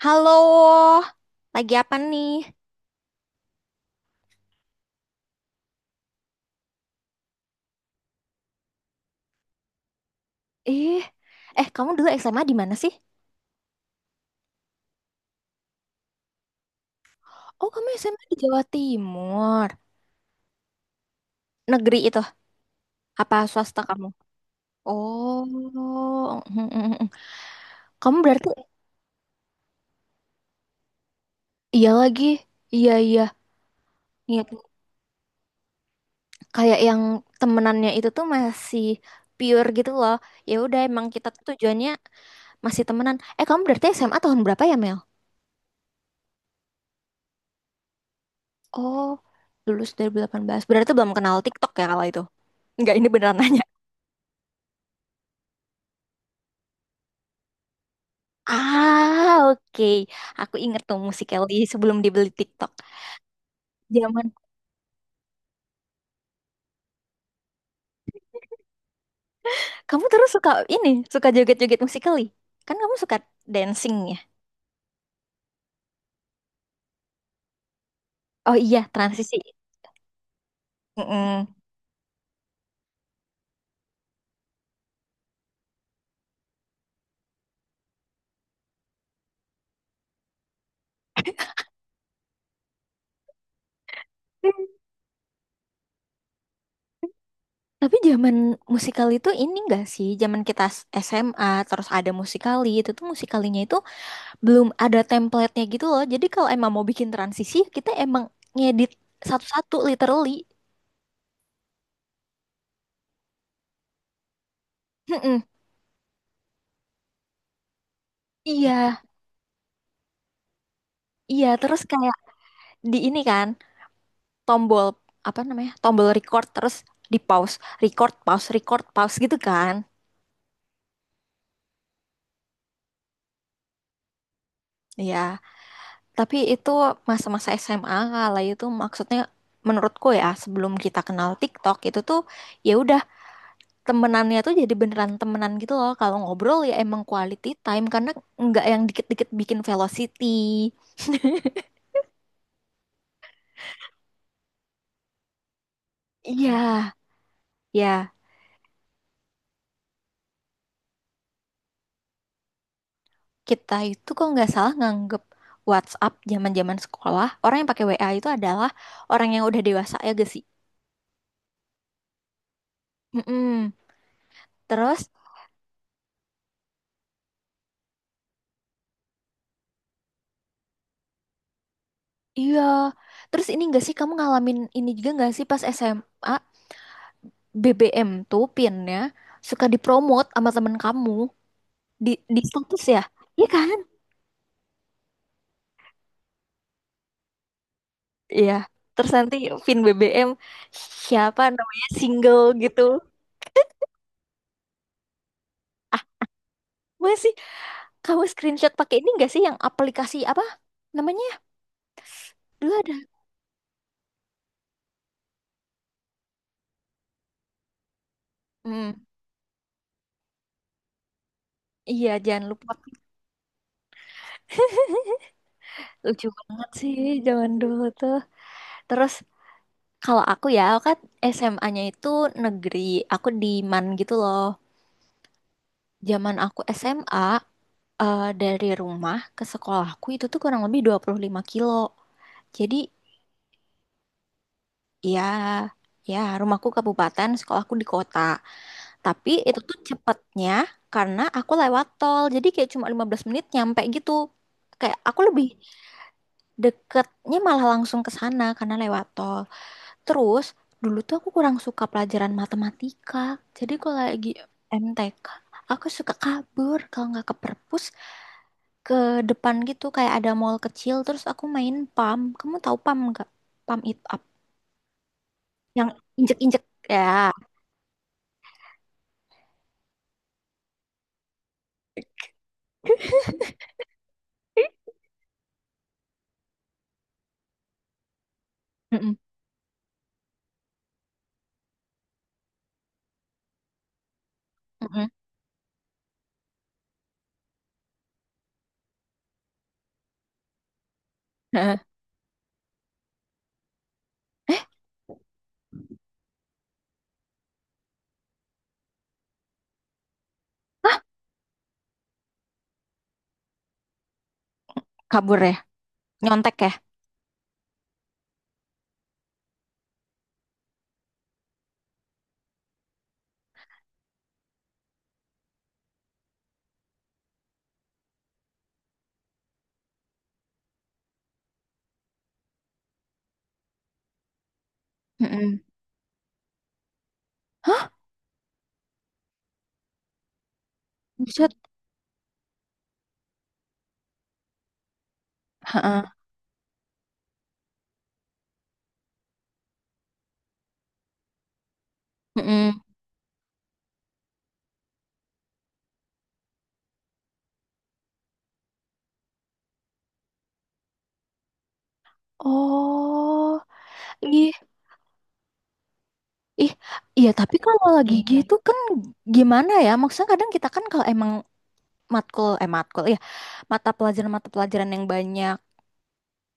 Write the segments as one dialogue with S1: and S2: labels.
S1: Halo, lagi apa nih? Ih, eh kamu dulu SMA di mana sih? Oh, kamu SMA di Jawa Timur. Negeri itu, apa swasta kamu? Oh, mm, mm, mm. Kamu berarti iya lagi. Iya, iya. Iya, kayak yang temenannya itu tuh masih pure gitu loh. Ya udah emang kita tuh tujuannya masih temenan. Eh, kamu berarti SMA tahun berapa ya, Mel? Oh, lulus 2018. Berarti belum kenal TikTok ya kalau itu. Enggak, ini beneran nanya. Ah, oke. Aku inget tuh Musical.ly sebelum dibeli TikTok. Zaman. Kamu terus suka ini, suka joget-joget Musical.ly. Kan kamu suka dancing ya? Oh iya, transisi. Mm-mm. Hmm. Tapi zaman Musical.ly itu ini enggak sih? Zaman kita SMA terus ada Musical.ly, itu tuh Musical.ly-nya itu belum ada template-nya gitu loh. Jadi kalau emang mau bikin transisi, kita emang ngedit satu-satu literally. Mm-mm. Iya, iya terus kayak di ini kan tombol apa namanya? Tombol record terus di pause, record, pause, record, pause gitu kan. Iya. Tapi itu masa-masa SMA kala itu maksudnya menurutku ya sebelum kita kenal TikTok itu tuh ya udah temenannya tuh jadi beneran temenan gitu loh. Kalau ngobrol ya emang quality time karena nggak yang dikit-dikit bikin velocity. Iya, ya kita itu kok nggak salah nganggep WhatsApp zaman-zaman sekolah orang yang pakai WA itu adalah orang yang udah dewasa ya gak sih? Mm-mm. Terus, iya. Terus ini enggak sih kamu ngalamin ini juga enggak sih pas SMA BBM tuh pinnya suka dipromot sama temen kamu di status ya? Iya kan? Iya. Terus nanti pin BBM siapa namanya single gitu. Masih kamu screenshot pakai ini enggak sih yang aplikasi apa namanya? Dulu ada. Hmm. Iya, jangan lupa. Lucu banget sih zaman dulu tuh. Terus, kalau aku ya, aku kan SMA-nya itu negeri. Aku di MAN gitu loh. Zaman aku SMA, dari rumah ke sekolahku itu tuh kurang lebih 25 kilo. Jadi ya, ya rumahku kabupaten, sekolahku di kota. Tapi itu tuh cepetnya karena aku lewat tol. Jadi kayak cuma 15 menit nyampe gitu. Kayak aku lebih deketnya malah langsung ke sana karena lewat tol. Terus dulu tuh aku kurang suka pelajaran matematika. Jadi kalau lagi MTK, aku suka kabur kalau nggak ke perpus ke depan gitu kayak ada mall kecil terus aku main PAM. Kamu tahu PAM nggak? PAM It Up yang injek-injek ya. Mm-mm. Mm-mm. Heeh. Eh, hah? Kabur ya? Nyontek ya? Mm-mm. Hah? Buset. Heeh. Mm-mm. Oh, ih, ih, iya. Tapi kalau lagi gitu kan gimana ya? Maksudnya kadang kita kan kalau emang matkul ya mata pelajaran-mata pelajaran yang banyak,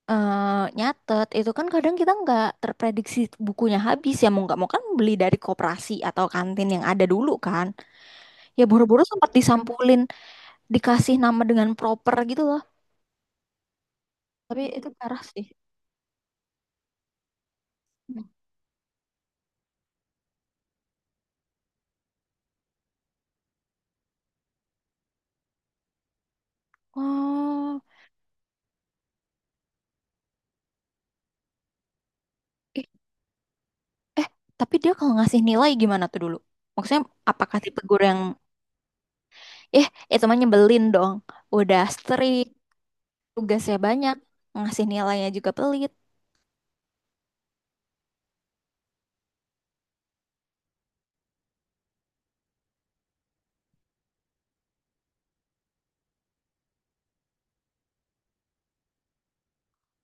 S1: nyatet itu kan kadang kita nggak terprediksi, bukunya habis ya mau nggak mau kan beli dari koperasi atau kantin yang ada dulu kan, ya boro-boro sempat disampulin dikasih nama dengan proper gitu loh. Tapi itu parah sih. Oh, ih, eh tapi dia kalau ngasih nilai gimana tuh dulu? Maksudnya apakah tipe guru yang eh itu mah nyebelin dong, udah strict, tugasnya banyak, ngasih nilainya juga pelit.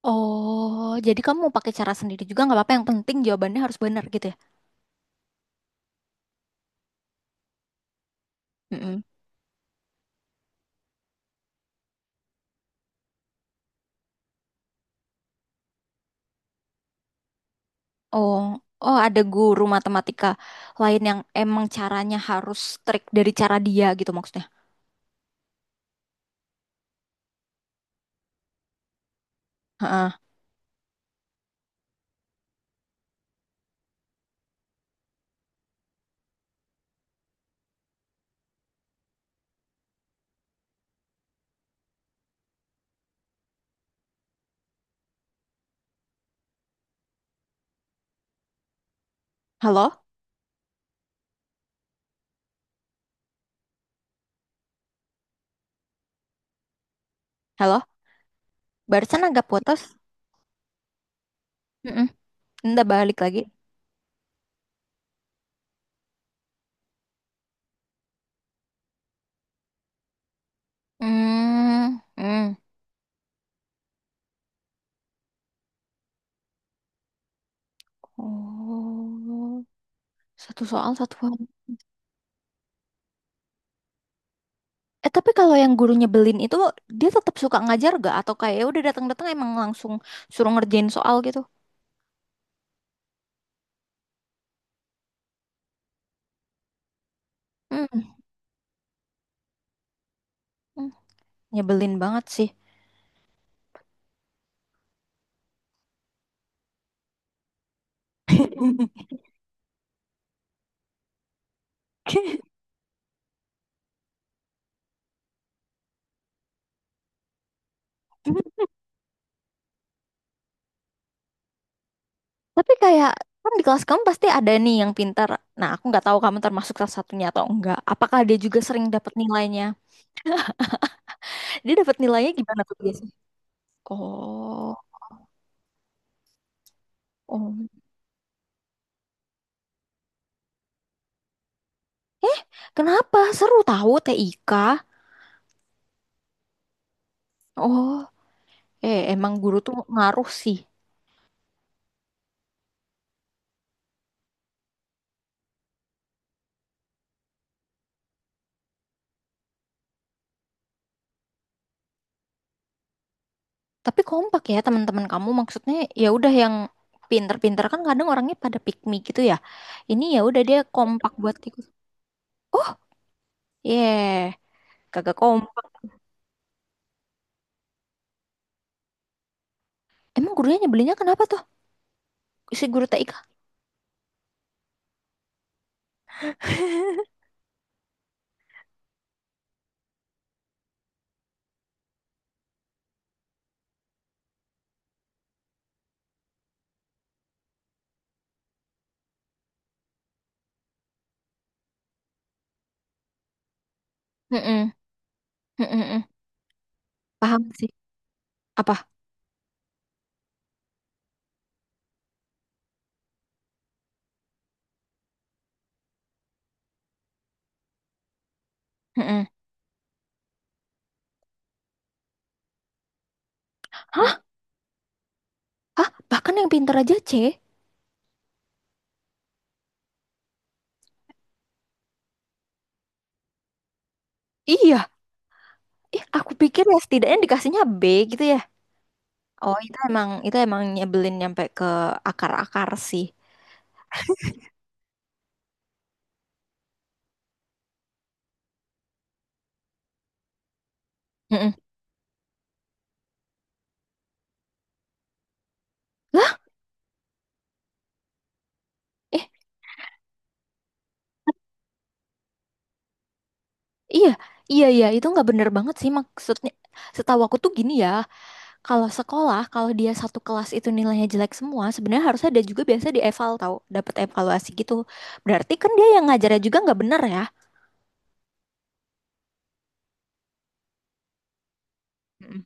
S1: Oh, jadi kamu mau pakai cara sendiri juga nggak apa-apa. Yang penting jawabannya harus benar gitu ya. Mm-mm. Oh, oh ada guru matematika lain yang emang caranya harus trik dari cara dia gitu maksudnya. Heeh. Halo, halo. Barusan agak putus. Mm-mm. Ntar balik lagi. Hmm, hmm. Oh, satu soal satu hal. Eh tapi kalau yang guru nyebelin itu dia tetap suka ngajar gak? Atau kayak ya udah datang-datang emang langsung suruh ngerjain soal gitu? Hmm, hmm. Nyebelin banget sih. Tapi kayak kan di kelas kamu pasti ada nih yang pintar. Nah, aku nggak tahu kamu termasuk salah satunya atau enggak. Apakah dia juga sering dapat nilainya? Dia dapat nilainya gimana tuh biasanya? Oh, oh. Eh, kenapa? Seru tahu TIK. Oh, emang guru tuh ngaruh sih. Tapi kompak ya teman-teman kamu maksudnya, ya udah yang pinter-pinter kan kadang orangnya pada pick me gitu ya. Ini ya udah dia kompak buat ikut. Oh, yeah. Kagak kompak. Emang gurunya nyebelinnya kenapa tuh? Si guru TIK. Mm-mm. Mm-mm. Paham sih apa. Mm-mm. Hah, hah, bahkan yang pintar aja C? Iya, ih aku pikir ya setidaknya dikasihnya B gitu ya. Oh itu emang, itu emang nyebelin nyampe ke akar-akar sih. Mm-mm. Lah, eh, iya, iya, iya, itu nggak bener banget sih maksudnya. Setahu aku tuh gini ya, kalau sekolah, kalau dia satu kelas itu nilainya jelek semua, sebenarnya harusnya ada juga biasa di eval tahu, dapat evaluasi gitu. Berarti kan dia yang ngajarnya juga nggak bener ya. Mm.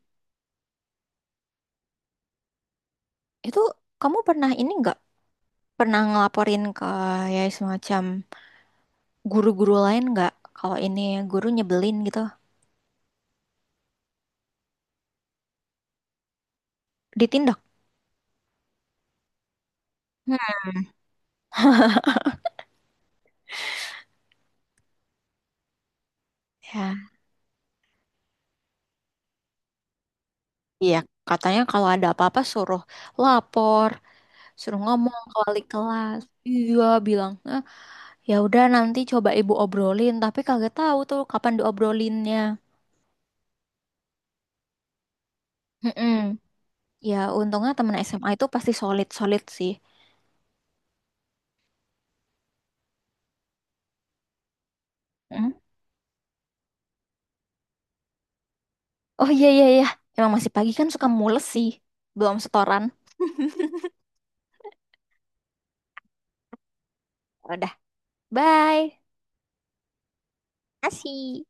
S1: Itu kamu pernah ini nggak? Pernah ngelaporin ke ya semacam guru-guru lain nggak? Kalau ini guru nyebelin gitu, ditindak. Hmm. Ya, iya katanya kalau ada apa-apa suruh lapor, suruh ngomong ke wali kelas. Iya bilang, "Eh, ya udah nanti coba ibu obrolin," tapi kagak tahu tuh kapan diobrolinnya. Mm-mm. Ya untungnya temen SMA itu pasti solid-solid sih. Mm. Oh iya iya iya, emang masih pagi kan suka mules sih, belum setoran. Bye. Kasih.